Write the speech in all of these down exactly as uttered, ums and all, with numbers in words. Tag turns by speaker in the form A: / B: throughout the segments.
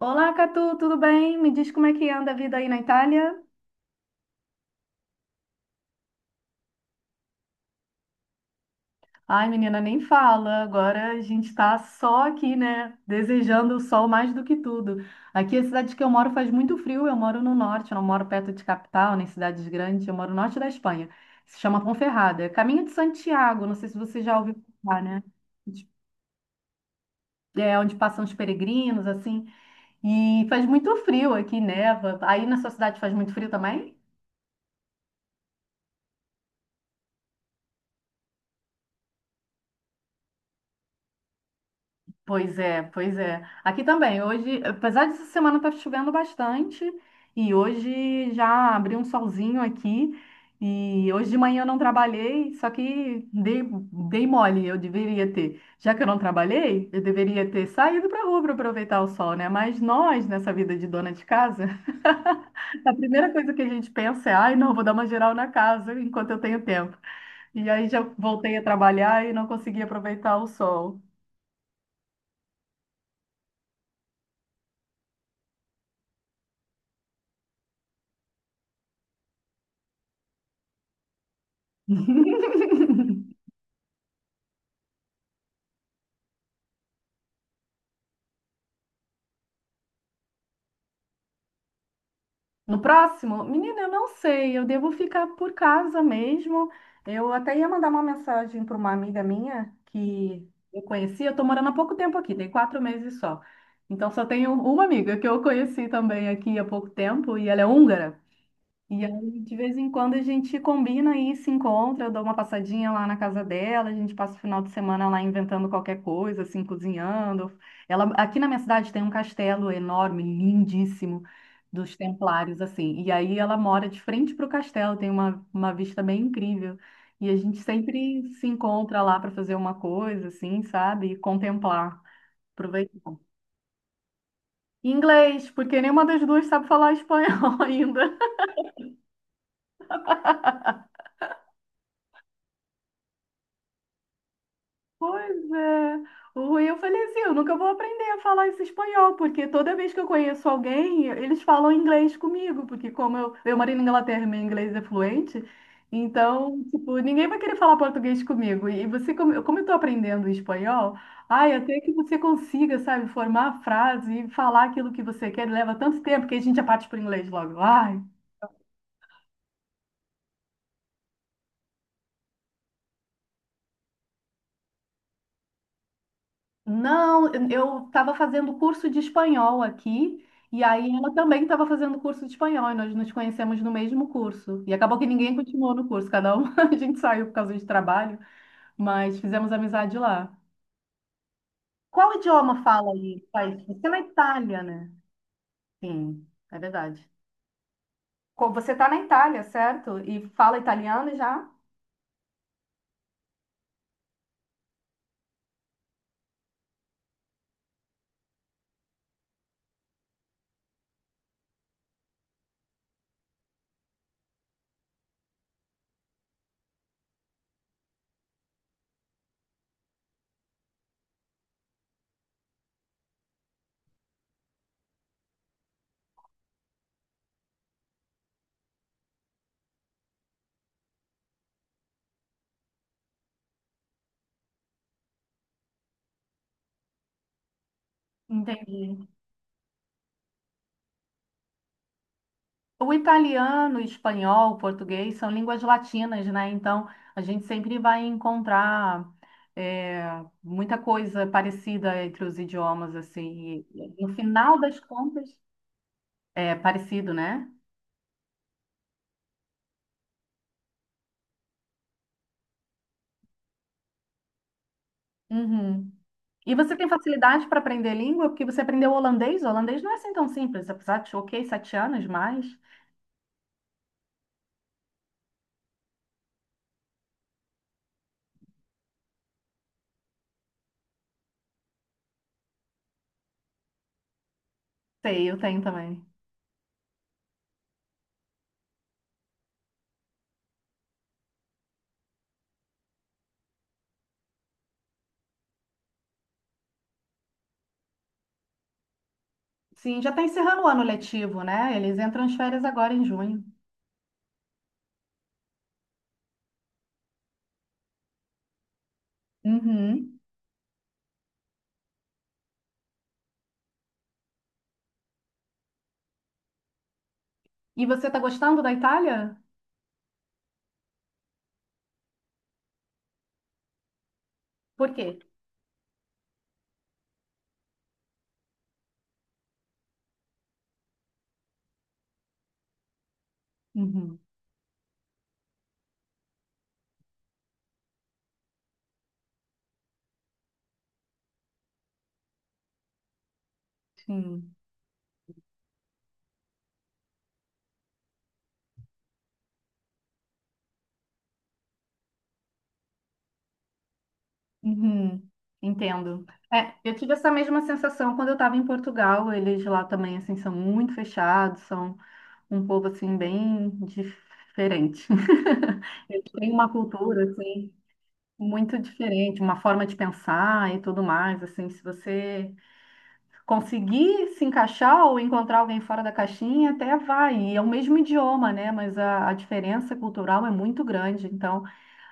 A: Olá, Catu, tudo bem? Me diz como é que anda a vida aí na Itália? Ai, menina, nem fala. Agora a gente tá só aqui, né? Desejando o sol mais do que tudo. Aqui, é a cidade que eu moro faz muito frio. Eu moro no norte, eu não moro perto de capital, nem cidades grandes. Eu moro no norte da Espanha. Se chama Ponferrada. É Caminho de Santiago, não sei se você já ouviu falar, né? É onde passam os peregrinos, assim. E faz muito frio aqui, neva. Aí na sua cidade faz muito frio também? Pois é, pois é. Aqui também, hoje, apesar dessa semana estar chovendo bastante, e hoje já abriu um solzinho aqui, e hoje de manhã eu não trabalhei, só que dei, dei mole, eu deveria ter. Já que eu não trabalhei, eu deveria ter saído para a rua para aproveitar o sol, né? Mas nós, nessa vida de dona de casa, a primeira coisa que a gente pensa é, ai, não, vou dar uma geral na casa enquanto eu tenho tempo. E aí já voltei a trabalhar e não consegui aproveitar o sol. No próximo? Menina, eu não sei. Eu devo ficar por casa mesmo. Eu até ia mandar uma mensagem para uma amiga minha que eu conheci. Eu estou morando há pouco tempo aqui, tem quatro meses só. Então só tenho uma amiga que eu conheci também aqui há pouco tempo e ela é húngara. E aí, de vez em quando, a gente combina e se encontra. Eu dou uma passadinha lá na casa dela, a gente passa o final de semana lá inventando qualquer coisa, assim, cozinhando. Ela, aqui na minha cidade tem um castelo enorme, lindíssimo, dos Templários, assim. E aí ela mora de frente para o castelo, tem uma, uma vista bem incrível. E a gente sempre se encontra lá para fazer uma coisa, assim, sabe? E contemplar, aproveitar. Inglês, porque nenhuma das duas sabe falar espanhol ainda. Pois é. O eu falei assim, eu nunca vou aprender a falar esse espanhol, porque toda vez que eu conheço alguém, eles falam inglês comigo, porque como eu, eu moro na Inglaterra, meu inglês é fluente, então, tipo, ninguém vai querer falar português comigo. E você, como, como eu tô aprendendo espanhol, ai, até que você consiga, sabe, formar a frase e falar aquilo que você quer, leva tanto tempo que a gente já parte pro inglês logo. Ai, não, eu estava fazendo curso de espanhol aqui, e aí ela também estava fazendo curso de espanhol, e nós nos conhecemos no mesmo curso. E acabou que ninguém continuou no curso, cada um a gente saiu por causa de trabalho, mas fizemos amizade lá. Qual idioma fala aí, Thaís? Você é na Itália, né? Sim, é verdade. Co- Você está na Itália, certo? E fala italiano já? Entendi. O italiano, o espanhol, o português são línguas latinas, né? Então, a gente sempre vai encontrar é, muita coisa parecida entre os idiomas, assim. E, e, no final das contas, é parecido, né? Uhum. E você tem facilidade para aprender língua porque você aprendeu holandês? O holandês não é assim tão simples, apesar de, ok, sete anos, mas... Sei, eu tenho também. Sim, já está encerrando o ano letivo, né? Eles entram as férias agora em junho. Uhum. E você está gostando da Itália? Por quê? Uhum, sim. Uhum, entendo. É, eu tive essa mesma sensação quando eu estava em Portugal. Eles lá também, assim, são muito fechados, são um povo, assim, bem diferente. Tem uma cultura, assim, muito diferente, uma forma de pensar e tudo mais, assim, se você conseguir se encaixar ou encontrar alguém fora da caixinha, até vai. E é o mesmo idioma, né? Mas a, a diferença cultural é muito grande. Então,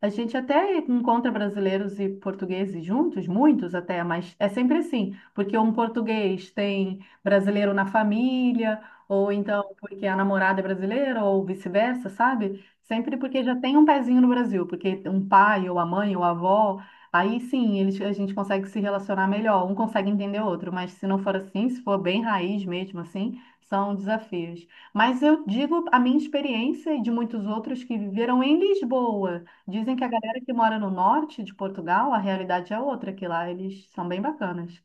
A: a gente até encontra brasileiros e portugueses juntos, muitos até, mas é sempre assim, porque um português tem brasileiro na família, ou então porque a namorada é brasileira, ou vice-versa, sabe? Sempre porque já tem um pezinho no Brasil, porque um pai, ou a mãe, ou a avó, aí sim eles, a gente consegue se relacionar melhor, um consegue entender o outro, mas se não for assim, se for bem raiz mesmo assim, são desafios. Mas eu digo a minha experiência e de muitos outros que viveram em Lisboa. Dizem que a galera que mora no norte de Portugal, a realidade é outra, que lá eles são bem bacanas.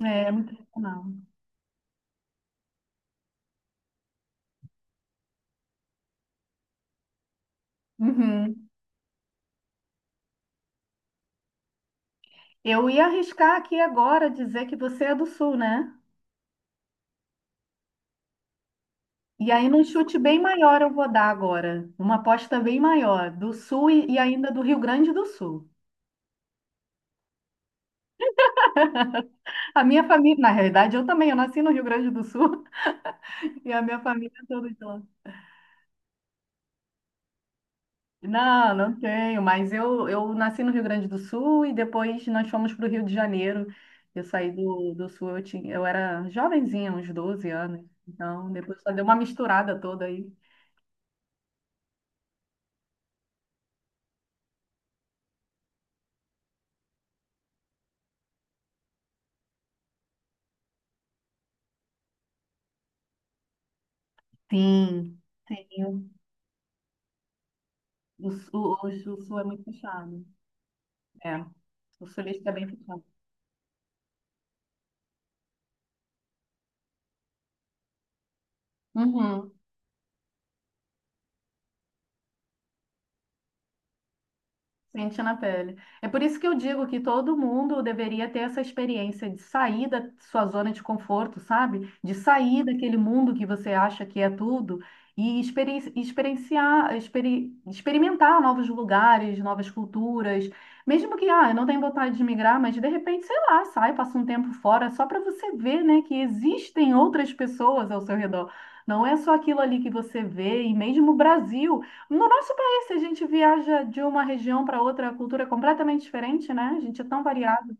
A: É, é muito legal. Uhum. Eu ia arriscar aqui agora dizer que você é do sul, né? E aí, num chute bem maior, eu vou dar agora. Uma aposta bem maior, do sul e, e ainda do Rio Grande do Sul. A minha família, na realidade, eu também, eu nasci no Rio Grande do Sul e a minha família é toda de lá. Não, não tenho, mas eu, eu nasci no Rio Grande do Sul e depois nós fomos para o Rio de Janeiro. Eu saí do, do Sul, eu tinha, eu era jovenzinha, uns doze anos. Então, depois só deu uma misturada toda aí. Sim, sim. O, Sul- o, o Sul é muito fechado. É, o Sulista é bem fechado. Uhum. Sente na pele. É por isso que eu digo que todo mundo deveria ter essa experiência de sair da sua zona de conforto, sabe? De sair daquele mundo que você acha que é tudo e experi- experienciar, experi- experimentar novos lugares, novas culturas. Mesmo que, ah, eu não tenho vontade de migrar, mas de repente, sei lá, sai, passa um tempo fora, só para você ver, né, que existem outras pessoas ao seu redor. Não é só aquilo ali que você vê, e mesmo o Brasil. No nosso Se a gente viaja de uma região para outra, a cultura é completamente diferente, né? A gente é tão variado.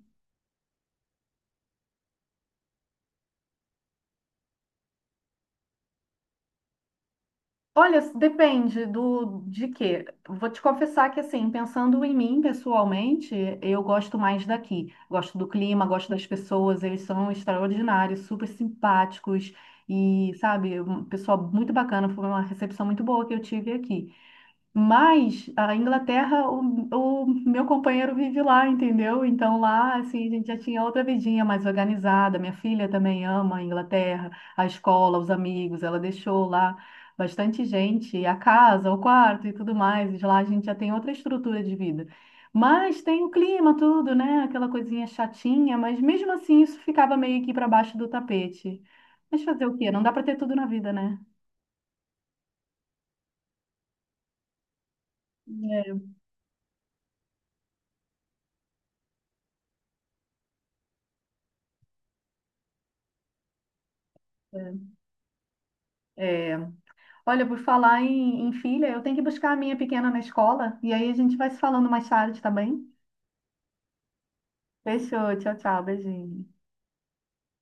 A: Olha, depende do de quê. Vou te confessar que, assim, pensando em mim pessoalmente, eu gosto mais daqui. Gosto do clima, gosto das pessoas, eles são extraordinários, super simpáticos e, sabe, um pessoal muito bacana. Foi uma recepção muito boa que eu tive aqui. Mas a Inglaterra, o, o meu companheiro vive lá, entendeu? Então lá, assim, a gente já tinha outra vidinha mais organizada. Minha filha também ama a Inglaterra, a escola, os amigos, ela deixou lá bastante gente, e a casa, o quarto e tudo mais. E lá a gente já tem outra estrutura de vida. Mas tem o clima, tudo, né? Aquela coisinha chatinha, mas mesmo assim isso ficava meio que para baixo do tapete. Mas fazer o quê? Não dá para ter tudo na vida, né? É, é. Olha, por falar em, em filha, eu tenho que buscar a minha pequena na escola e aí a gente vai se falando mais tarde, tá bem? Fechou, tchau, tchau, beijinho.